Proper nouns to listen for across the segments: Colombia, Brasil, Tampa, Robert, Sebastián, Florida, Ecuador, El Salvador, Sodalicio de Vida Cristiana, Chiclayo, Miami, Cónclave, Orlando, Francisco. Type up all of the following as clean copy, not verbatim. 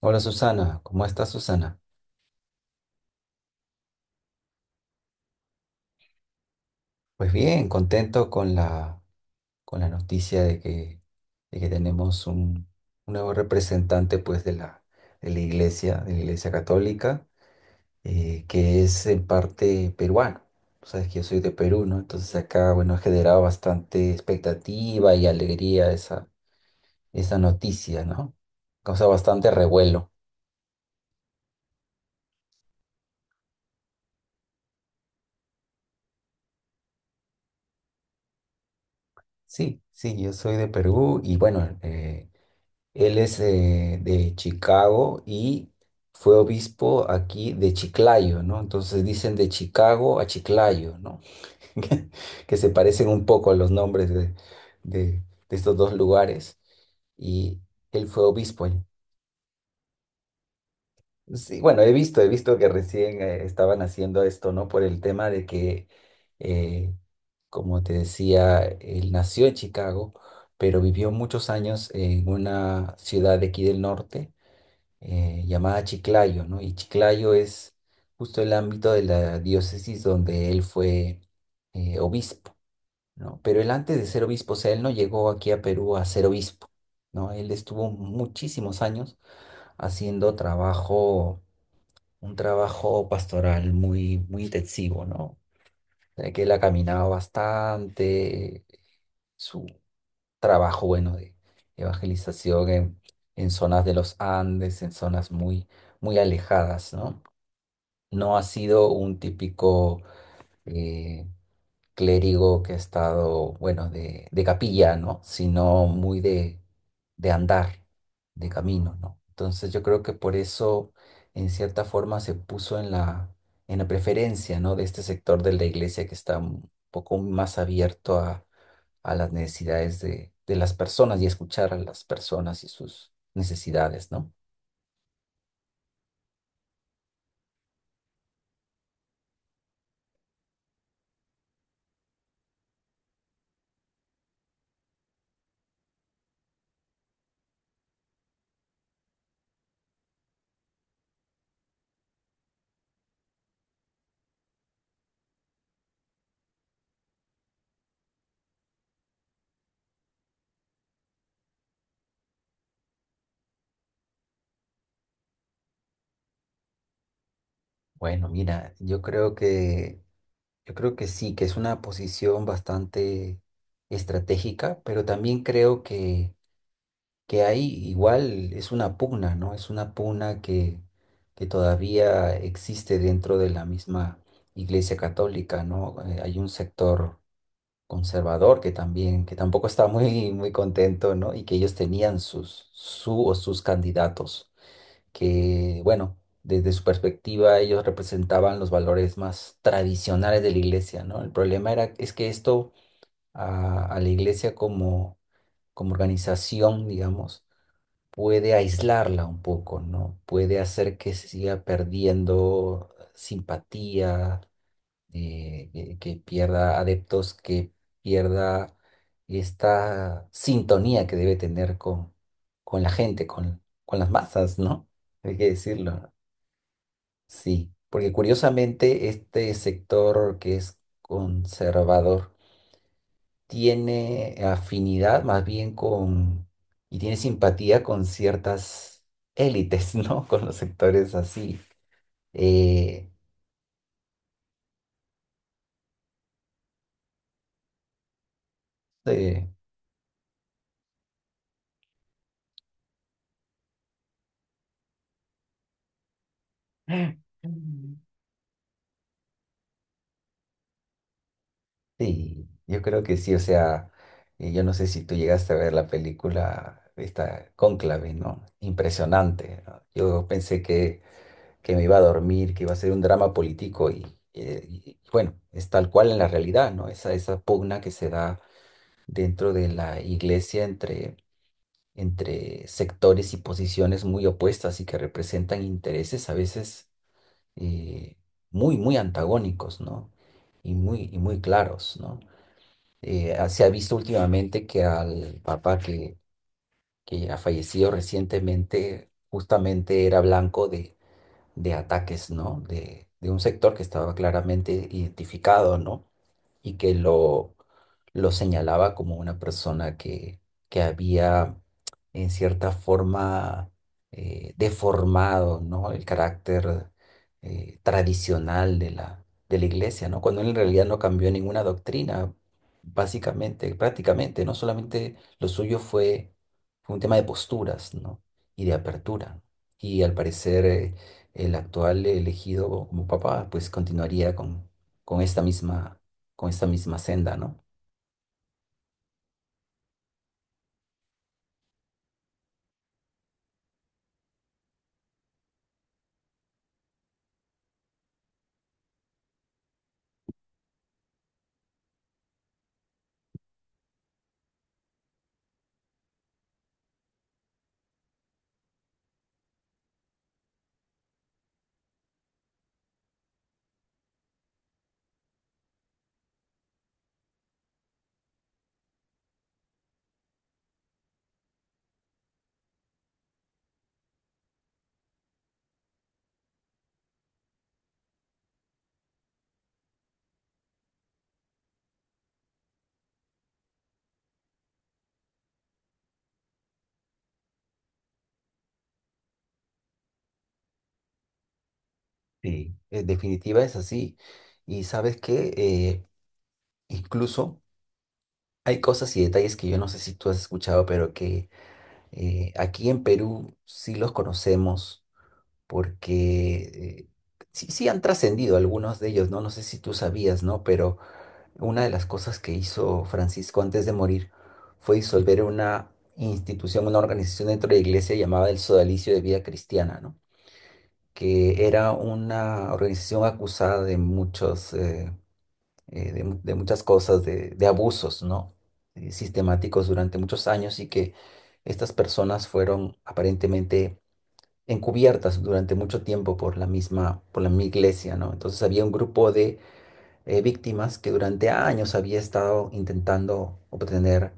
Hola Susana, ¿cómo estás Susana? Pues bien, contento con con la noticia de que tenemos un nuevo representante pues, de de la iglesia católica, que es en parte peruano. Tú sabes que yo soy de Perú, ¿no? Entonces acá, bueno, ha generado bastante expectativa y alegría esa noticia, ¿no? Causa bastante revuelo. Sí, sí, yo soy de Perú y bueno, él es de Chicago y fue obispo aquí de Chiclayo, ¿no? Entonces dicen de Chicago a Chiclayo, ¿no? Que se parecen un poco a los nombres de- de estos dos lugares. Y él fue obispo ahí. Sí, bueno, he visto que recién estaban haciendo esto, ¿no? Por el tema de que, eh, como te decía, él nació en Chicago, pero vivió muchos años en una ciudad de aquí del norte llamada Chiclayo, ¿no? Y Chiclayo es justo el ámbito de la diócesis donde él fue obispo, ¿no? Pero él antes de ser obispo, o sea, él no llegó aquí a Perú a ser obispo, ¿no? Él estuvo muchísimos años haciendo un trabajo pastoral muy, muy intensivo, ¿no? O sea, que él ha caminado bastante, su trabajo, bueno, de evangelización en zonas de los Andes, en zonas muy muy alejadas, ¿no? No ha sido un típico eh, clérigo que ha estado, bueno, de capilla, ¿no? Sino muy de andar, de camino, ¿no? Entonces yo creo que por eso, en cierta forma, se puso en en la preferencia, ¿no? De este sector de la iglesia que está un poco más abierto a las necesidades de las personas y escuchar a las personas y sus necesidades, ¿no? Bueno, mira, Yo creo que sí, que es una posición bastante estratégica, pero también creo que hay igual, es una pugna, ¿no? Es una pugna que todavía existe dentro de la misma Iglesia Católica, ¿no? Hay un sector conservador que también, que tampoco está muy, muy contento, ¿no? Y que ellos tenían sus, su o sus candidatos que, bueno, desde su perspectiva ellos representaban los valores más tradicionales de la iglesia, ¿no? El problema era, es que esto a la iglesia como, como organización, digamos, puede aislarla un poco, ¿no? Puede hacer que se siga perdiendo simpatía, que pierda adeptos, que pierda esta sintonía que debe tener con la gente, con las masas, ¿no? Hay que decirlo, ¿no? Sí, porque curiosamente este sector que es conservador tiene afinidad más bien con y tiene simpatía con ciertas élites, ¿no? Con los sectores así. Eh, eh, Mm. Sí, yo creo que sí, o sea, yo no sé si tú llegaste a ver la película, esta Cónclave, ¿no? Impresionante, ¿no? Yo pensé que me iba a dormir, que iba a ser un drama político y, bueno, es tal cual en la realidad, ¿no? Esa pugna que se da dentro de la iglesia entre, entre sectores y posiciones muy opuestas y que representan intereses a veces eh, muy, muy antagónicos, ¿no? Y muy claros, ¿no? Se ha visto últimamente que al papá que ha fallecido recientemente justamente era blanco de ataques, ¿no? De un sector que estaba claramente identificado, ¿no? Y que lo señalaba como una persona que había, en cierta forma, deformado, ¿no? El carácter tradicional de de la iglesia, ¿no? Cuando él en realidad no cambió ninguna doctrina, básicamente, prácticamente, ¿no? Solamente lo suyo fue un tema de posturas, ¿no? Y de apertura. Y al parecer el actual elegido como papa, pues continuaría con esta misma con esta misma senda, ¿no? Sí, en definitiva es así. Y sabes que incluso hay cosas y detalles que yo no sé si tú has escuchado, pero que aquí en Perú sí los conocemos porque sí, sí han trascendido algunos de ellos, ¿no? No sé si tú sabías, ¿no? Pero una de las cosas que hizo Francisco antes de morir fue disolver una institución, una organización dentro de la iglesia llamada el Sodalicio de Vida Cristiana, ¿no? Que era una organización acusada de de muchas cosas, de abusos, ¿no? Sistemáticos durante muchos años y que estas personas fueron aparentemente encubiertas durante mucho tiempo por la misma iglesia, ¿no? Entonces había un grupo de víctimas que durante años había estado intentando obtener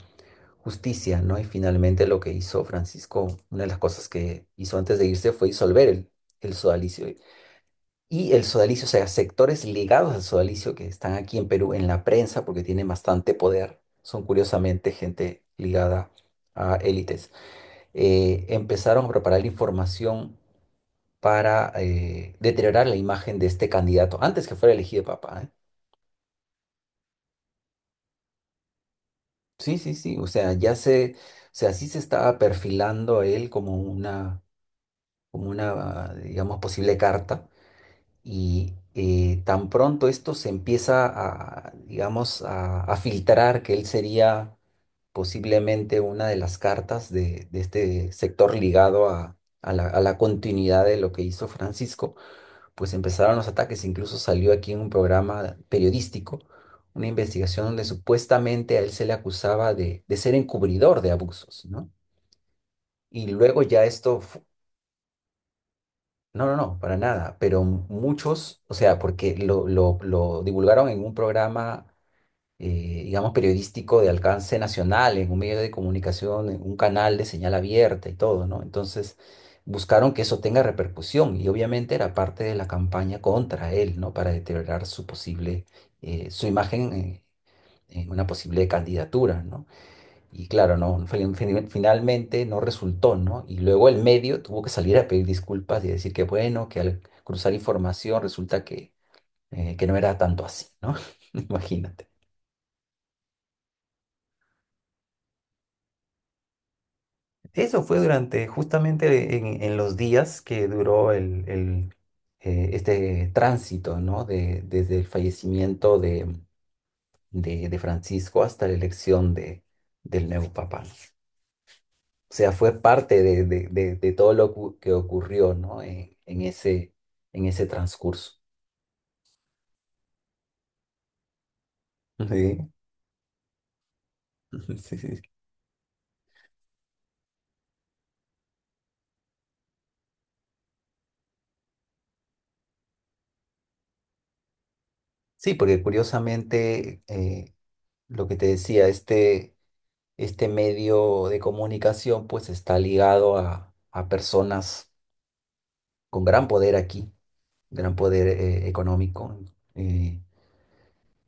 justicia, ¿no? Y finalmente lo que hizo Francisco, una de las cosas que hizo antes de irse fue disolver el sodalicio y el sodalicio, o sea, sectores ligados al sodalicio que están aquí en Perú en la prensa porque tienen bastante poder, son curiosamente gente ligada a élites, empezaron a preparar la información para deteriorar la imagen de este candidato antes que fuera elegido papa, ¿eh? Sí, sí, sí, o sea, ya se, o sea, sí se estaba perfilando a él como como una, digamos, posible carta. Y tan pronto esto se empieza a, digamos, a filtrar que él sería posiblemente una de las cartas de este sector ligado a la continuidad de lo que hizo Francisco, pues empezaron los ataques. Incluso salió aquí en un programa periodístico una investigación donde supuestamente a él se le acusaba de ser encubridor de abusos, ¿no? Y luego ya esto no, no, no, para nada, pero muchos, o sea, porque lo divulgaron en un programa, digamos, periodístico de alcance nacional, en un medio de comunicación, en un canal de señal abierta y todo, ¿no? Entonces, buscaron que eso tenga repercusión y obviamente era parte de la campaña contra él, ¿no? Para deteriorar su posible su imagen, en una posible candidatura, ¿no? Y claro, no, finalmente no resultó, ¿no? Y luego el medio tuvo que salir a pedir disculpas y decir que bueno, que al cruzar información resulta que, que no era tanto así, ¿no? Imagínate. Eso fue durante, justamente en los días que duró este tránsito, ¿no? De, desde el fallecimiento de Francisco hasta la elección del nuevo papa. O sea, fue parte de todo lo cu- que ocurrió, ¿no? En ese, en ese transcurso. Sí, sí, sí. Sí, porque curiosamente, lo que te decía, este medio de comunicación pues está ligado a personas con gran poder aquí, gran poder económico, eh,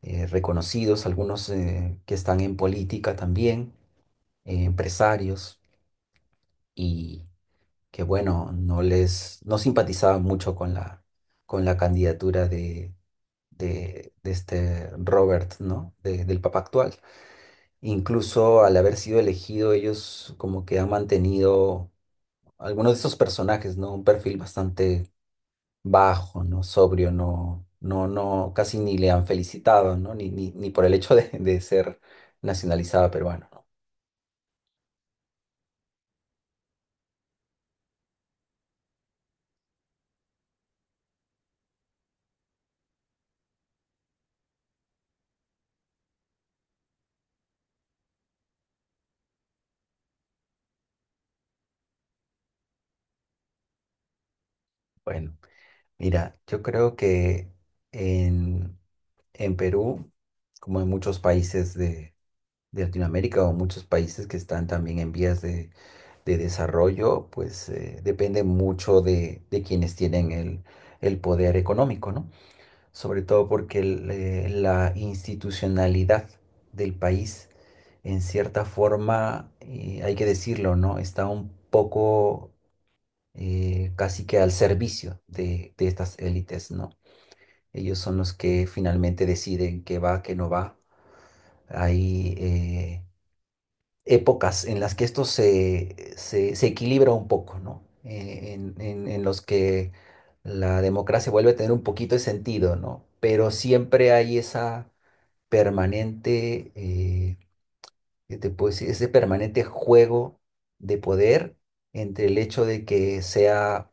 reconocidos, algunos que están en política también, empresarios. Que bueno, no simpatizaban mucho con con la candidatura de este Robert, ¿no? De- del Papa actual. Incluso al haber sido elegido, ellos como que han mantenido algunos de esos personajes, ¿no? Un perfil bastante bajo, ¿no? Sobrio, no, no, no, casi ni le han felicitado, ¿no? Ni, ni, ni por el hecho de ser nacionalizada peruana, ¿no? Bueno, mira, yo creo que en, en Perú, como en muchos países de Latinoamérica o muchos países que están también en vías de desarrollo, pues depende mucho de quienes tienen el poder económico, ¿no? Sobre todo porque la institucionalidad del país, en cierta forma, hay que decirlo, ¿no? Está un poco casi que al servicio de estas élites, ¿no? Ellos son los que finalmente deciden qué va, qué no va. Hay épocas en las que esto se equilibra un poco, ¿no? En los que la democracia vuelve a tener un poquito de sentido, ¿no? Pero siempre hay esa permanente, ¿qué te puedo decir? Ese permanente juego de poder entre el hecho de que sea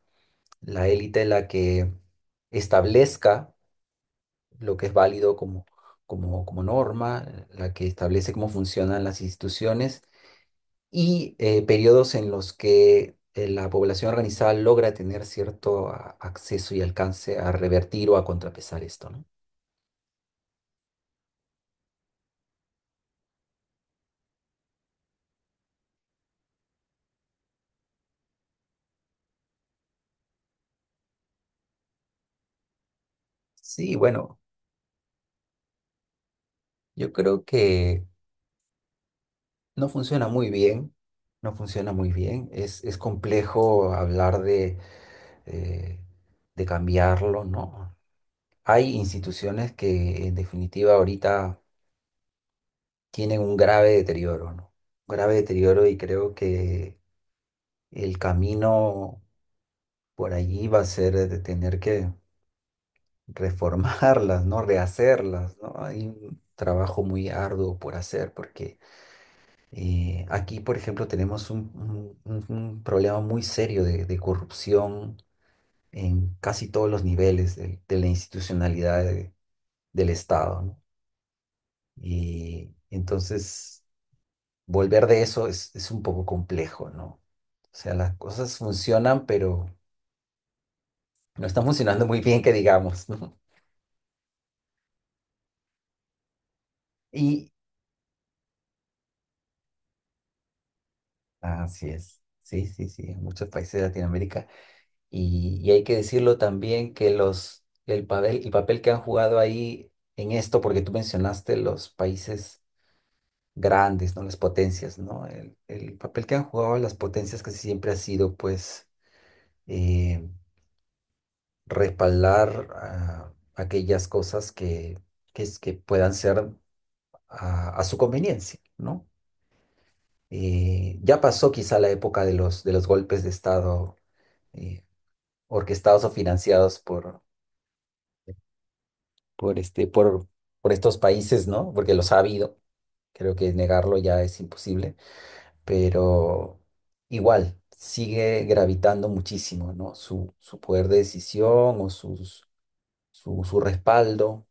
la élite la que establezca lo que es válido como, como, como norma, la que establece cómo funcionan las instituciones y periodos en los que la población organizada logra tener cierto acceso y alcance a revertir o a contrapesar esto, ¿no? Sí, bueno, yo creo que no funciona muy bien, no funciona muy bien, es complejo hablar eh, de cambiarlo, ¿no? Hay instituciones que en definitiva ahorita tienen un grave deterioro, ¿no? Grave deterioro y creo que el camino por allí va a ser de tener que reformarlas, ¿no? Rehacerlas, ¿no? Hay un trabajo muy arduo por hacer porque aquí, por ejemplo, tenemos un problema muy serio de corrupción en casi todos los niveles de la institucionalidad del Estado, ¿no? Y entonces volver de eso es un poco complejo, ¿no? O sea, las cosas funcionan, pero no están funcionando muy bien, que digamos, ¿no? Y así es. Sí, sí, sí, en muchos países de Latinoamérica. Y hay que decirlo también que el papel que han jugado ahí en esto, porque tú mencionaste los países grandes, ¿no? Las potencias, ¿no? El papel que han jugado las potencias casi siempre ha sido, pues, eh, respaldar aquellas cosas que puedan ser a su conveniencia, ¿no? Ya pasó quizá la época de los golpes de Estado, eh, orquestados o financiados por, este, por, por estos países, ¿no? Porque los ha habido, creo que negarlo ya es imposible, pero igual sigue gravitando muchísimo, ¿no? Su poder de decisión o su respaldo.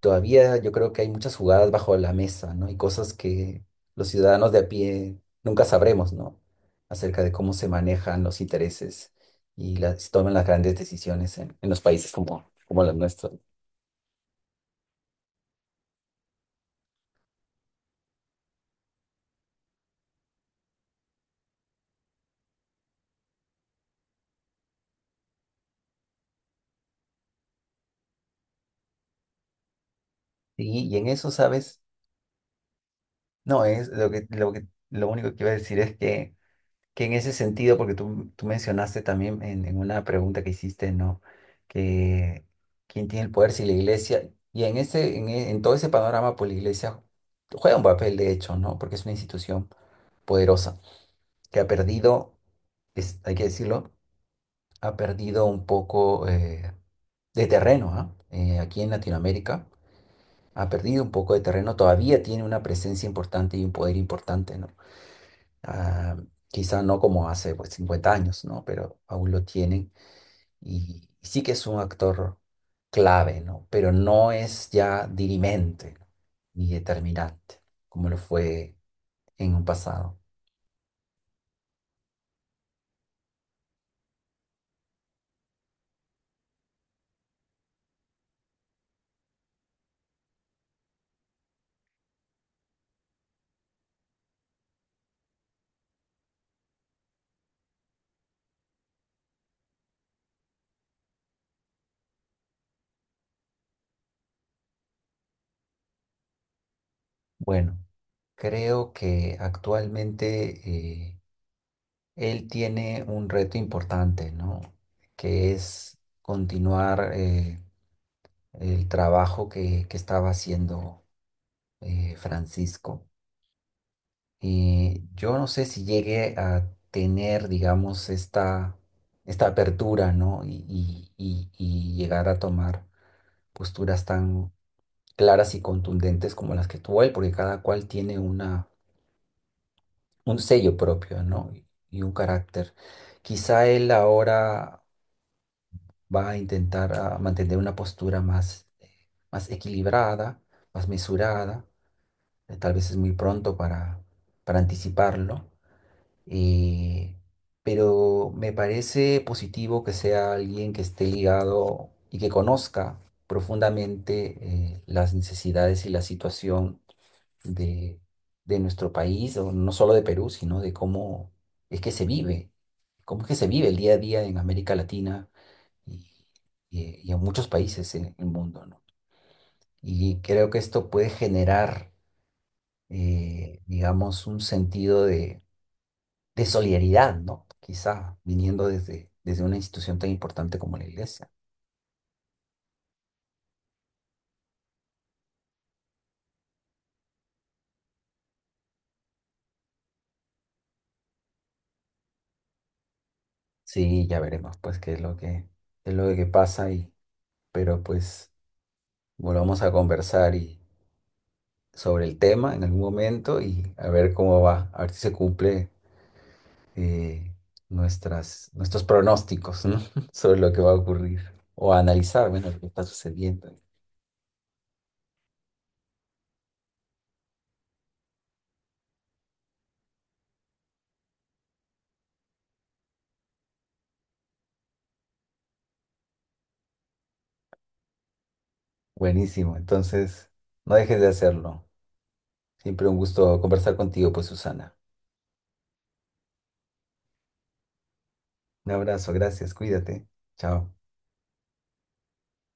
Todavía yo creo que hay muchas jugadas bajo la mesa, ¿no? Y cosas que los ciudadanos de a pie nunca sabremos, ¿no? Acerca de cómo se manejan los intereses y se toman las grandes decisiones en los países como los nuestros. Y en eso, ¿sabes? No, es lo único que iba a decir es que en ese sentido, porque tú mencionaste también en una pregunta que hiciste, ¿no? Que quién tiene el poder, si la iglesia, y en todo ese panorama, pues la iglesia juega un papel, de hecho, ¿no? Porque es una institución poderosa que ha perdido, hay que decirlo, ha perdido un poco de terreno, ¿ah? Aquí en Latinoamérica, ha perdido un poco de terreno, todavía tiene una presencia importante y un poder importante, ¿no? Ah, quizá no como hace pues, 50 años, ¿no? Pero aún lo tienen y sí que es un actor clave, ¿no? Pero no es ya dirimente, ¿no?, ni determinante como lo fue en un pasado. Bueno, creo que actualmente él tiene un reto importante, ¿no? Que es continuar, el trabajo que estaba haciendo, Francisco. Yo no sé si llegué a tener, digamos, esta apertura, ¿no? Y llegar a tomar posturas tan claras y contundentes como las que tuvo él, porque cada cual tiene un sello propio, ¿no? Y un carácter. Quizá él ahora va a intentar mantener una postura más equilibrada, más mesurada. Tal vez es muy pronto para anticiparlo. Y- pero me parece positivo que sea alguien que esté ligado y que conozca profundamente, las necesidades y la situación de, de nuestro país, o no solo de Perú, sino de cómo es que se vive, cómo es que se vive el día a día en América Latina y, y en muchos países en el mundo, ¿no? Y creo que esto puede generar, digamos, un sentido de solidaridad, ¿no? Quizá viniendo desde una institución tan importante como la iglesia. Sí, ya veremos pues qué es lo que pasa y pero pues volvamos a conversar y sobre el tema en algún momento y a ver cómo va, a ver si se cumple, eh, nuestros pronósticos, ¿no? sobre lo que va a ocurrir o a analizar, bueno, lo que está sucediendo. Buenísimo, entonces no dejes de hacerlo. Siempre un gusto conversar contigo, pues Susana. Un abrazo, gracias, cuídate. Chao.